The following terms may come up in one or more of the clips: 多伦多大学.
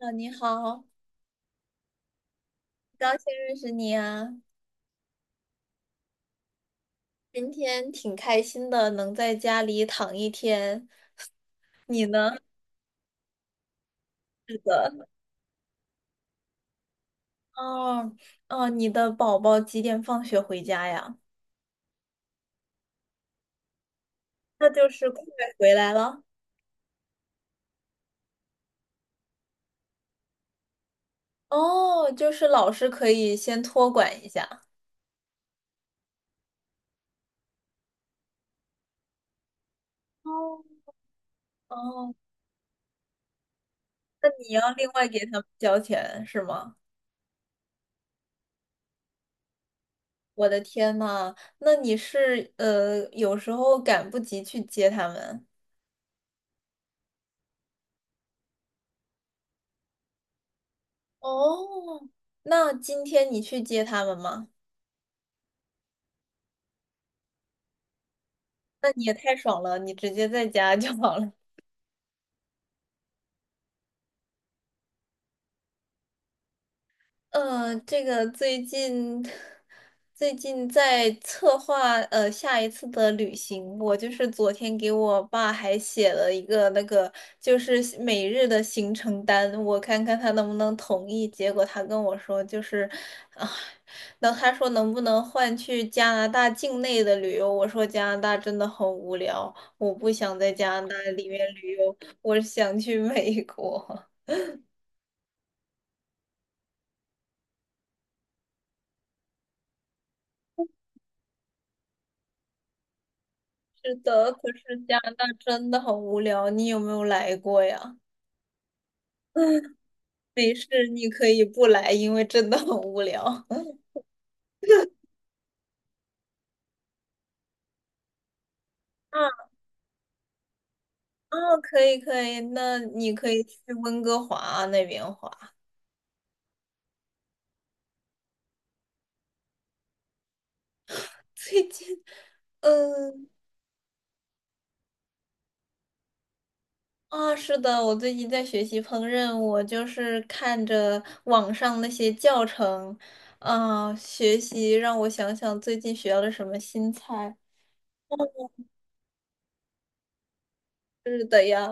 好，你好，高兴认识你啊！今天挺开心的，能在家里躺一天。你呢？是的。哦哦，你的宝宝几点放学回家呀？那就是快回来了。哦，就是老师可以先托管一下。哦哦，那你要另外给他们交钱是吗？我的天呐，那你是有时候赶不及去接他们。哦，那今天你去接他们吗？那你也太爽了，你直接在家就好了。嗯，这个最近在策划下一次的旅行，我就是昨天给我爸还写了一个那个就是每日的行程单，我看看他能不能同意。结果他跟我说就是啊，那他说能不能换去加拿大境内的旅游？我说加拿大真的很无聊，我不想在加拿大里面旅游，我想去美国。是的，可是加拿大真的很无聊，你有没有来过呀？没事，你可以不来，因为真的很无聊。啊啊，可以可以，那你可以去温哥华啊那边滑。最近，嗯啊，是的，我最近在学习烹饪，我就是看着网上那些教程，啊，学习让我想想最近学了什么新菜。哦是的呀，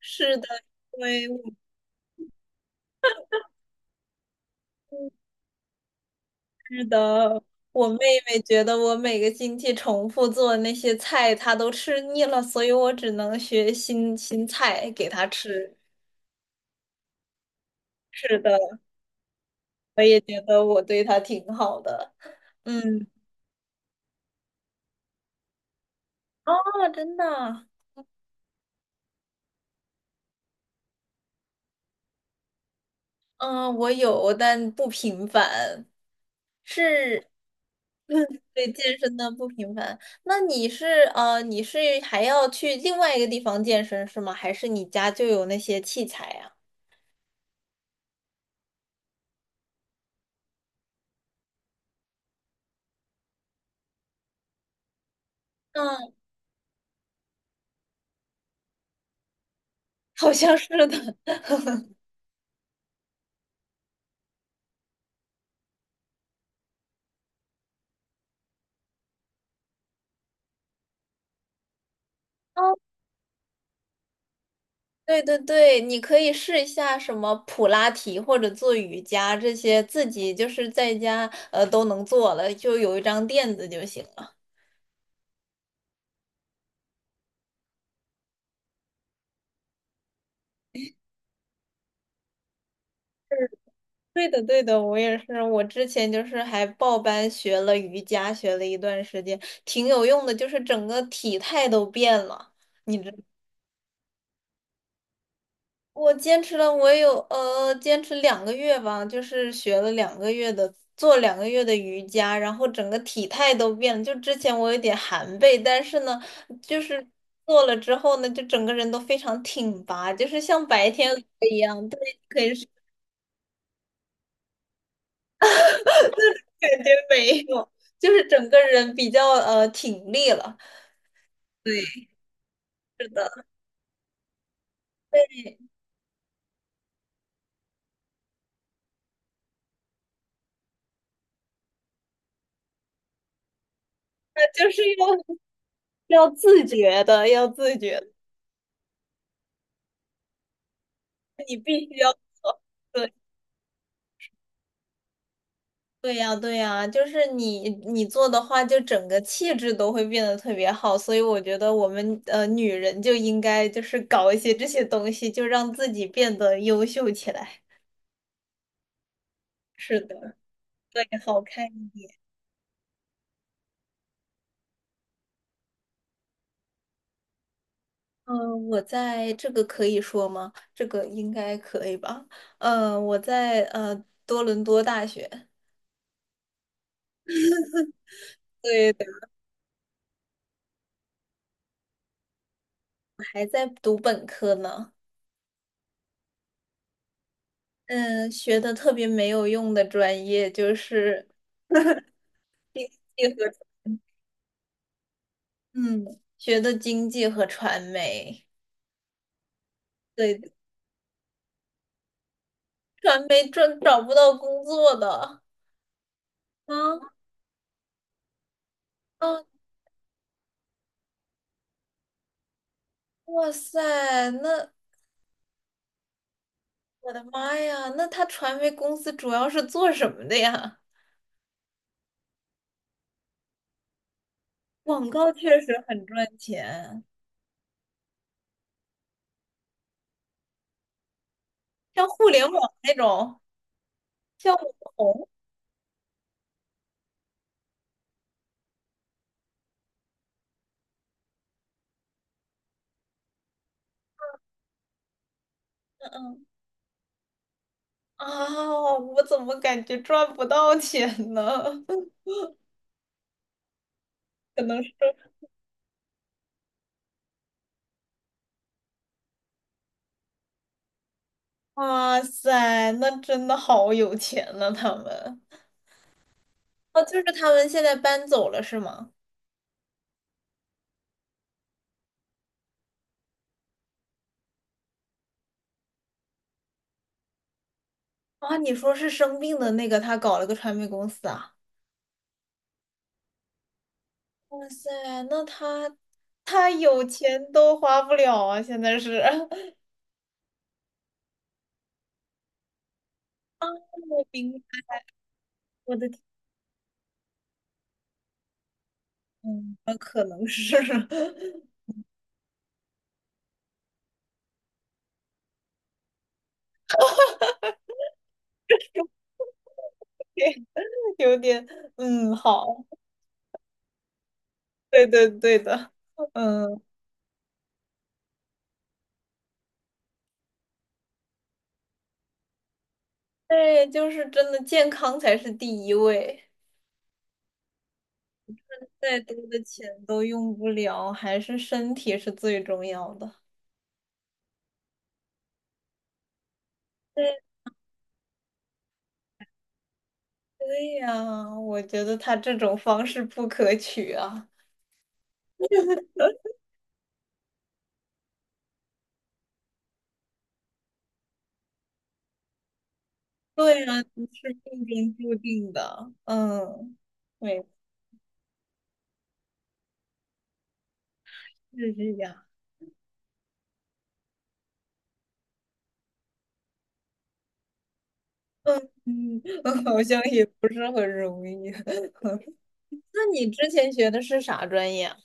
是的，因为我。是的，我妹妹觉得我每个星期重复做那些菜，她都吃腻了，所以我只能学新菜给她吃。是的，我也觉得我对她挺好的。嗯，哦，真的，嗯，我有，但不频繁，是对健身的不频繁。那你是你是还要去另外一个地方健身是吗？还是你家就有那些器材呀？嗯，好像是的。哦，对对对，你可以试一下什么普拉提或者做瑜伽这些，自己就是在家都能做了，就有一张垫子就行了。对的，对的，我也是。我之前就是还报班学了瑜伽，学了一段时间，挺有用的，就是整个体态都变了。你知？我坚持了，我也有坚持两个月吧，就是学了两个月的，做两个月的瑜伽，然后整个体态都变了。就之前我有点寒背，但是呢，就是做了之后呢，就整个人都非常挺拔，就是像白天鹅一样。对，可以是感觉没有，就是整个人比较挺立了。对，是的，嗯，那就是要自觉的，要自觉的，你必须要做。对。对呀，对呀，就是你做的话，就整个气质都会变得特别好，所以我觉得我们女人就应该就是搞一些这些东西，就让自己变得优秀起来。是的，对，好看一点。嗯，我在这个可以说吗？这个应该可以吧？嗯，我在多伦多大学，对对，还在读本科呢。嗯，学的特别没有用的专业就是。嗯，学的经济和传媒，对，传媒赚找不到工作的。啊啊，哇塞，那我的妈呀，那他传媒公司主要是做什么的呀？广告确实很赚钱，像互联网那种，像网红，嗯嗯啊，我怎么感觉赚不到钱呢？可能是，哇塞，那真的好有钱呢，他们。哦，就是他们现在搬走了，是吗？啊，你说是生病的那个，他搞了个传媒公司啊？哇塞，那他 他有钱都花不了啊！现在是，我明，我的天，嗯，那可能是 有点，嗯，好，对对对的，嗯，对，就是真的健康才是第一位，再多的钱都用不了，还是身体是最重要的。对对呀，我觉得他这种方式不可取啊。对啊，不是命中注定的，嗯，没是这样，嗯嗯，好像也不是很容易。那你之前学的是啥专业啊？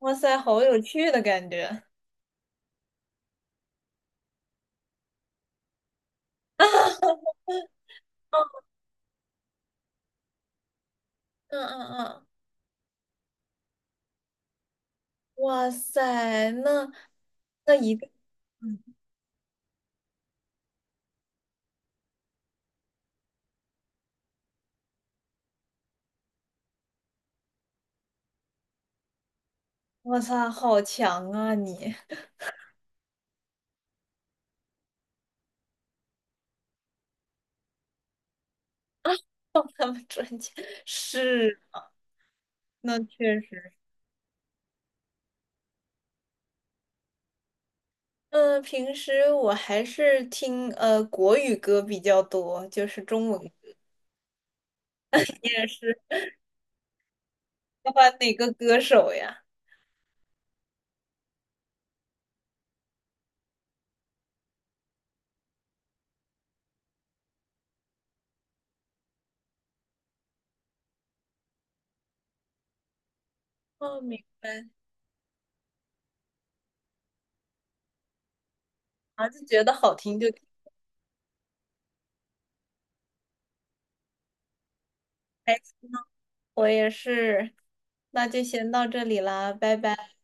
哇塞，好有趣的感觉。嗯嗯嗯，哇塞，那一个，嗯，哇塞，好强啊你！他们专家是，那确实。嗯，平时我还是听国语歌比较多，就是中文电视。喜欢哪个歌手呀？哦，明白，啊，就觉得好听就听呗。我也是，那就先到这里啦，拜拜。